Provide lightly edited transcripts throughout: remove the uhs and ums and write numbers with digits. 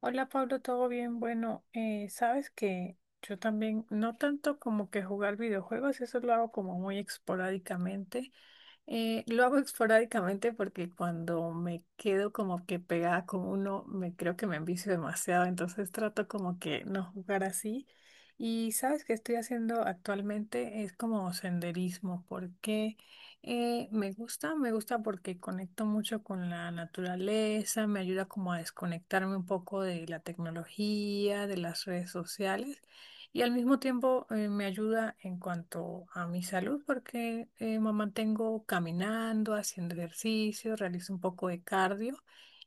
Hola Pablo, ¿todo bien? Bueno, sabes que yo también, no tanto como que jugar videojuegos, eso lo hago como muy esporádicamente, lo hago esporádicamente porque cuando me quedo como que pegada con uno, me creo que me envicio demasiado, entonces trato como que no jugar así. Y sabes que estoy haciendo actualmente es como senderismo, porque me gusta porque conecto mucho con la naturaleza, me ayuda como a desconectarme un poco de la tecnología, de las redes sociales y al mismo tiempo me ayuda en cuanto a mi salud porque me mantengo caminando, haciendo ejercicio, realizo un poco de cardio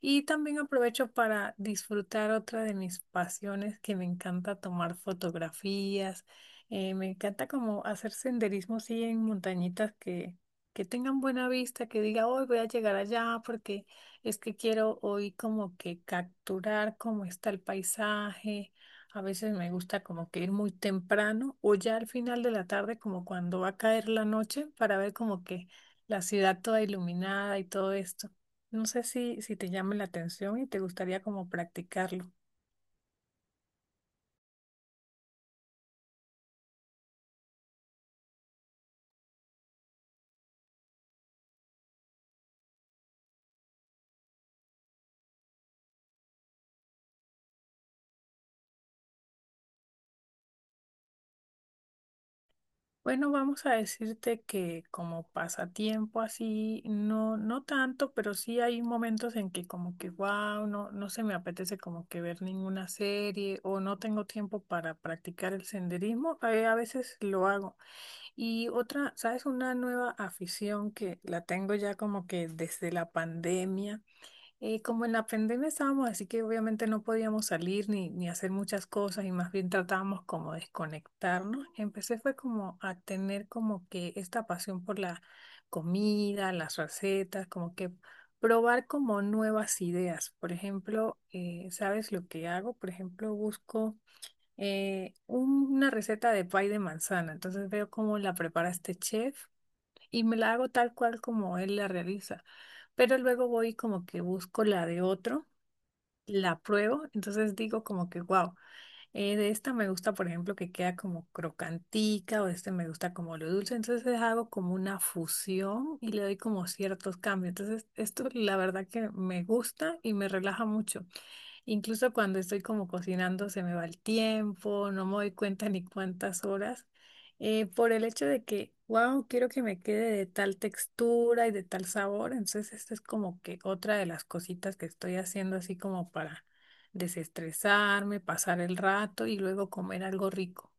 y también aprovecho para disfrutar otra de mis pasiones que me encanta tomar fotografías. Me encanta como hacer senderismo así en montañitas que tengan buena vista, que diga, hoy voy a llegar allá porque es que quiero hoy como que capturar cómo está el paisaje. A veces me gusta como que ir muy temprano o ya al final de la tarde, como cuando va a caer la noche, para ver como que la ciudad toda iluminada y todo esto. No sé si te llama la atención y te gustaría como practicarlo. Bueno, vamos a decirte que como pasatiempo así, no, no tanto, pero sí hay momentos en que como que wow, no, no se me apetece como que ver ninguna serie o no tengo tiempo para practicar el senderismo. A veces lo hago. Y otra, ¿sabes? Una nueva afición que la tengo ya como que desde la pandemia. Como en la pandemia estábamos, así que obviamente no podíamos salir ni hacer muchas cosas y más bien tratábamos como de desconectarnos. Empecé fue como a tener como que esta pasión por la comida, las recetas, como que probar como nuevas ideas. Por ejemplo, ¿sabes lo que hago? Por ejemplo, busco una receta de pie de manzana. Entonces veo cómo la prepara este chef y me la hago tal cual como él la realiza. Pero luego voy como que busco la de otro, la pruebo, entonces digo como que, wow, de esta me gusta, por ejemplo, que queda como crocantica o este me gusta como lo dulce. Entonces hago como una fusión y le doy como ciertos cambios. Entonces esto la verdad que me gusta y me relaja mucho. Incluso cuando estoy como cocinando se me va el tiempo, no me doy cuenta ni cuántas horas, por el hecho de que, wow, quiero que me quede de tal textura y de tal sabor. Entonces, esta es como que otra de las cositas que estoy haciendo así como para desestresarme, pasar el rato y luego comer algo rico.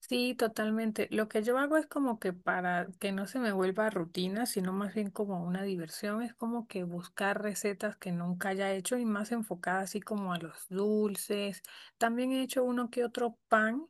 Sí, totalmente. Lo que yo hago es como que para que no se me vuelva rutina, sino más bien como una diversión, es como que buscar recetas que nunca haya hecho y más enfocadas así como a los dulces. También he hecho uno que otro pan,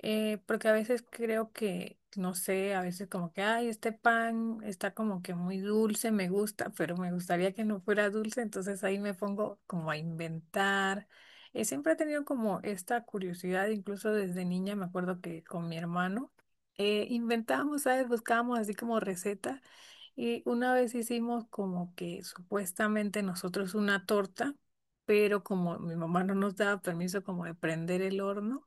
porque a veces creo que, no sé, a veces como que, ay, este pan está como que muy dulce, me gusta, pero me gustaría que no fuera dulce, entonces ahí me pongo como a inventar. Siempre he tenido como esta curiosidad, incluso desde niña me acuerdo que con mi hermano inventábamos, ¿sabes? Buscábamos así como receta y una vez hicimos como que supuestamente nosotros una torta, pero como mi mamá no nos daba permiso como de prender el horno,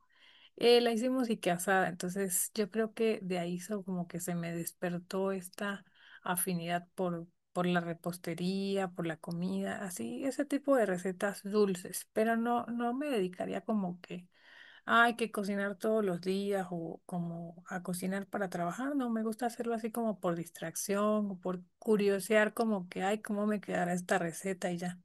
la hicimos y que asada, entonces yo creo que de ahí como que se me despertó esta afinidad por la repostería, por la comida, así, ese tipo de recetas dulces, pero no, no me dedicaría como que hay que cocinar todos los días o como a cocinar para trabajar, no, me gusta hacerlo así como por distracción o por curiosear como que, ay, cómo me quedará esta receta y ya.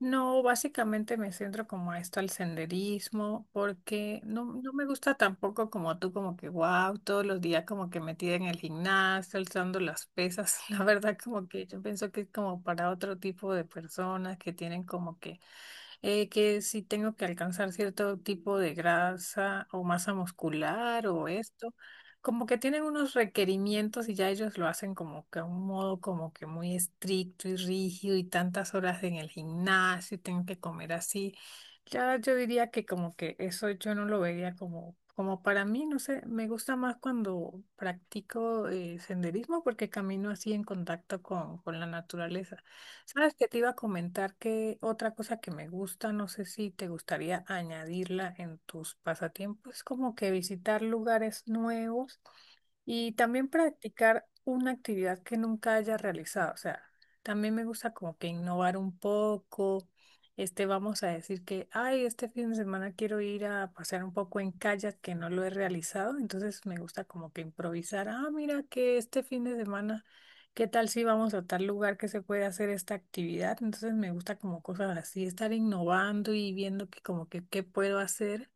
No, básicamente me centro como a esto, al senderismo, porque no, no me gusta tampoco como tú, como que wow, todos los días como que metida en el gimnasio, alzando las pesas. La verdad como que yo pienso que es como para otro tipo de personas que tienen como que si tengo que alcanzar cierto tipo de grasa o masa muscular o esto, como que tienen unos requerimientos y ya ellos lo hacen como que a un modo como que muy estricto y rígido y tantas horas en el gimnasio y tengo que comer así. Ya yo diría que como que eso yo no lo vería como, como para mí, no sé, me gusta más cuando practico senderismo porque camino así en contacto con la naturaleza. Sabes que te iba a comentar que otra cosa que me gusta, no sé si te gustaría añadirla en tus pasatiempos, es como que visitar lugares nuevos. Y también practicar una actividad que nunca haya realizado. O sea, también me gusta como que innovar un poco. Este, vamos a decir que, ay, este fin de semana quiero ir a pasear un poco en kayak que no lo he realizado. Entonces me gusta como que improvisar. Ah, mira que este fin de semana, ¿qué tal si vamos a tal lugar que se puede hacer esta actividad? Entonces me gusta como cosas así, estar innovando y viendo que como que qué puedo hacer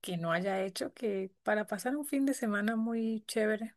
que no haya hecho, que para pasar un fin de semana muy chévere.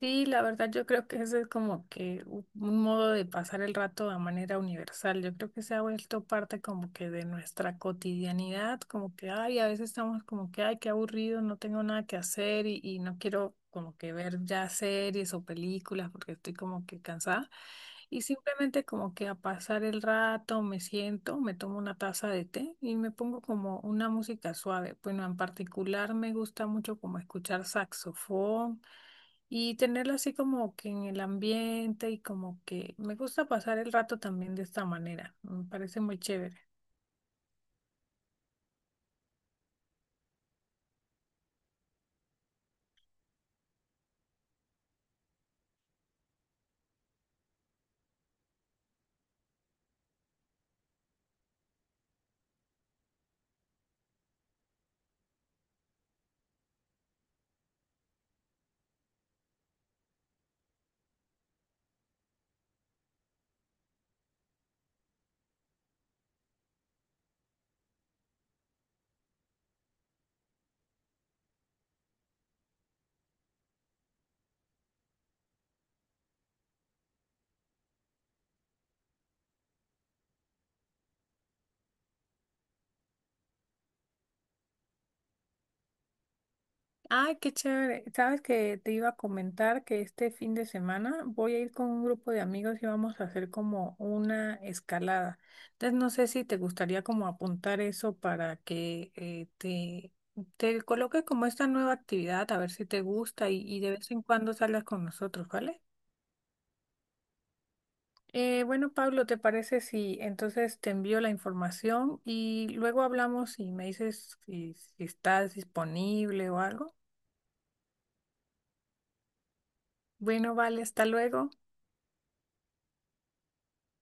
Sí, la verdad yo creo que ese es como que un modo de pasar el rato de manera universal. Yo creo que se ha vuelto parte como que de nuestra cotidianidad, como que, ay, a veces estamos como que, ay, qué aburrido, no tengo nada que hacer y no quiero como que ver ya series o películas porque estoy como que cansada. Y simplemente como que a pasar el rato me siento, me tomo una taza de té y me pongo como una música suave. Bueno, en particular me gusta mucho como escuchar saxofón. Y tenerla así como que en el ambiente y como que me gusta pasar el rato también de esta manera. Me parece muy chévere. Ay, qué chévere. Sabes que te iba a comentar que este fin de semana voy a ir con un grupo de amigos y vamos a hacer como una escalada. Entonces no sé si te gustaría como apuntar eso para que te coloque como esta nueva actividad, a ver si te gusta y de vez en cuando salgas con nosotros, ¿vale? Bueno, Pablo, ¿te parece si entonces te envío la información y luego hablamos y me dices si estás disponible o algo? Bueno, vale, hasta luego.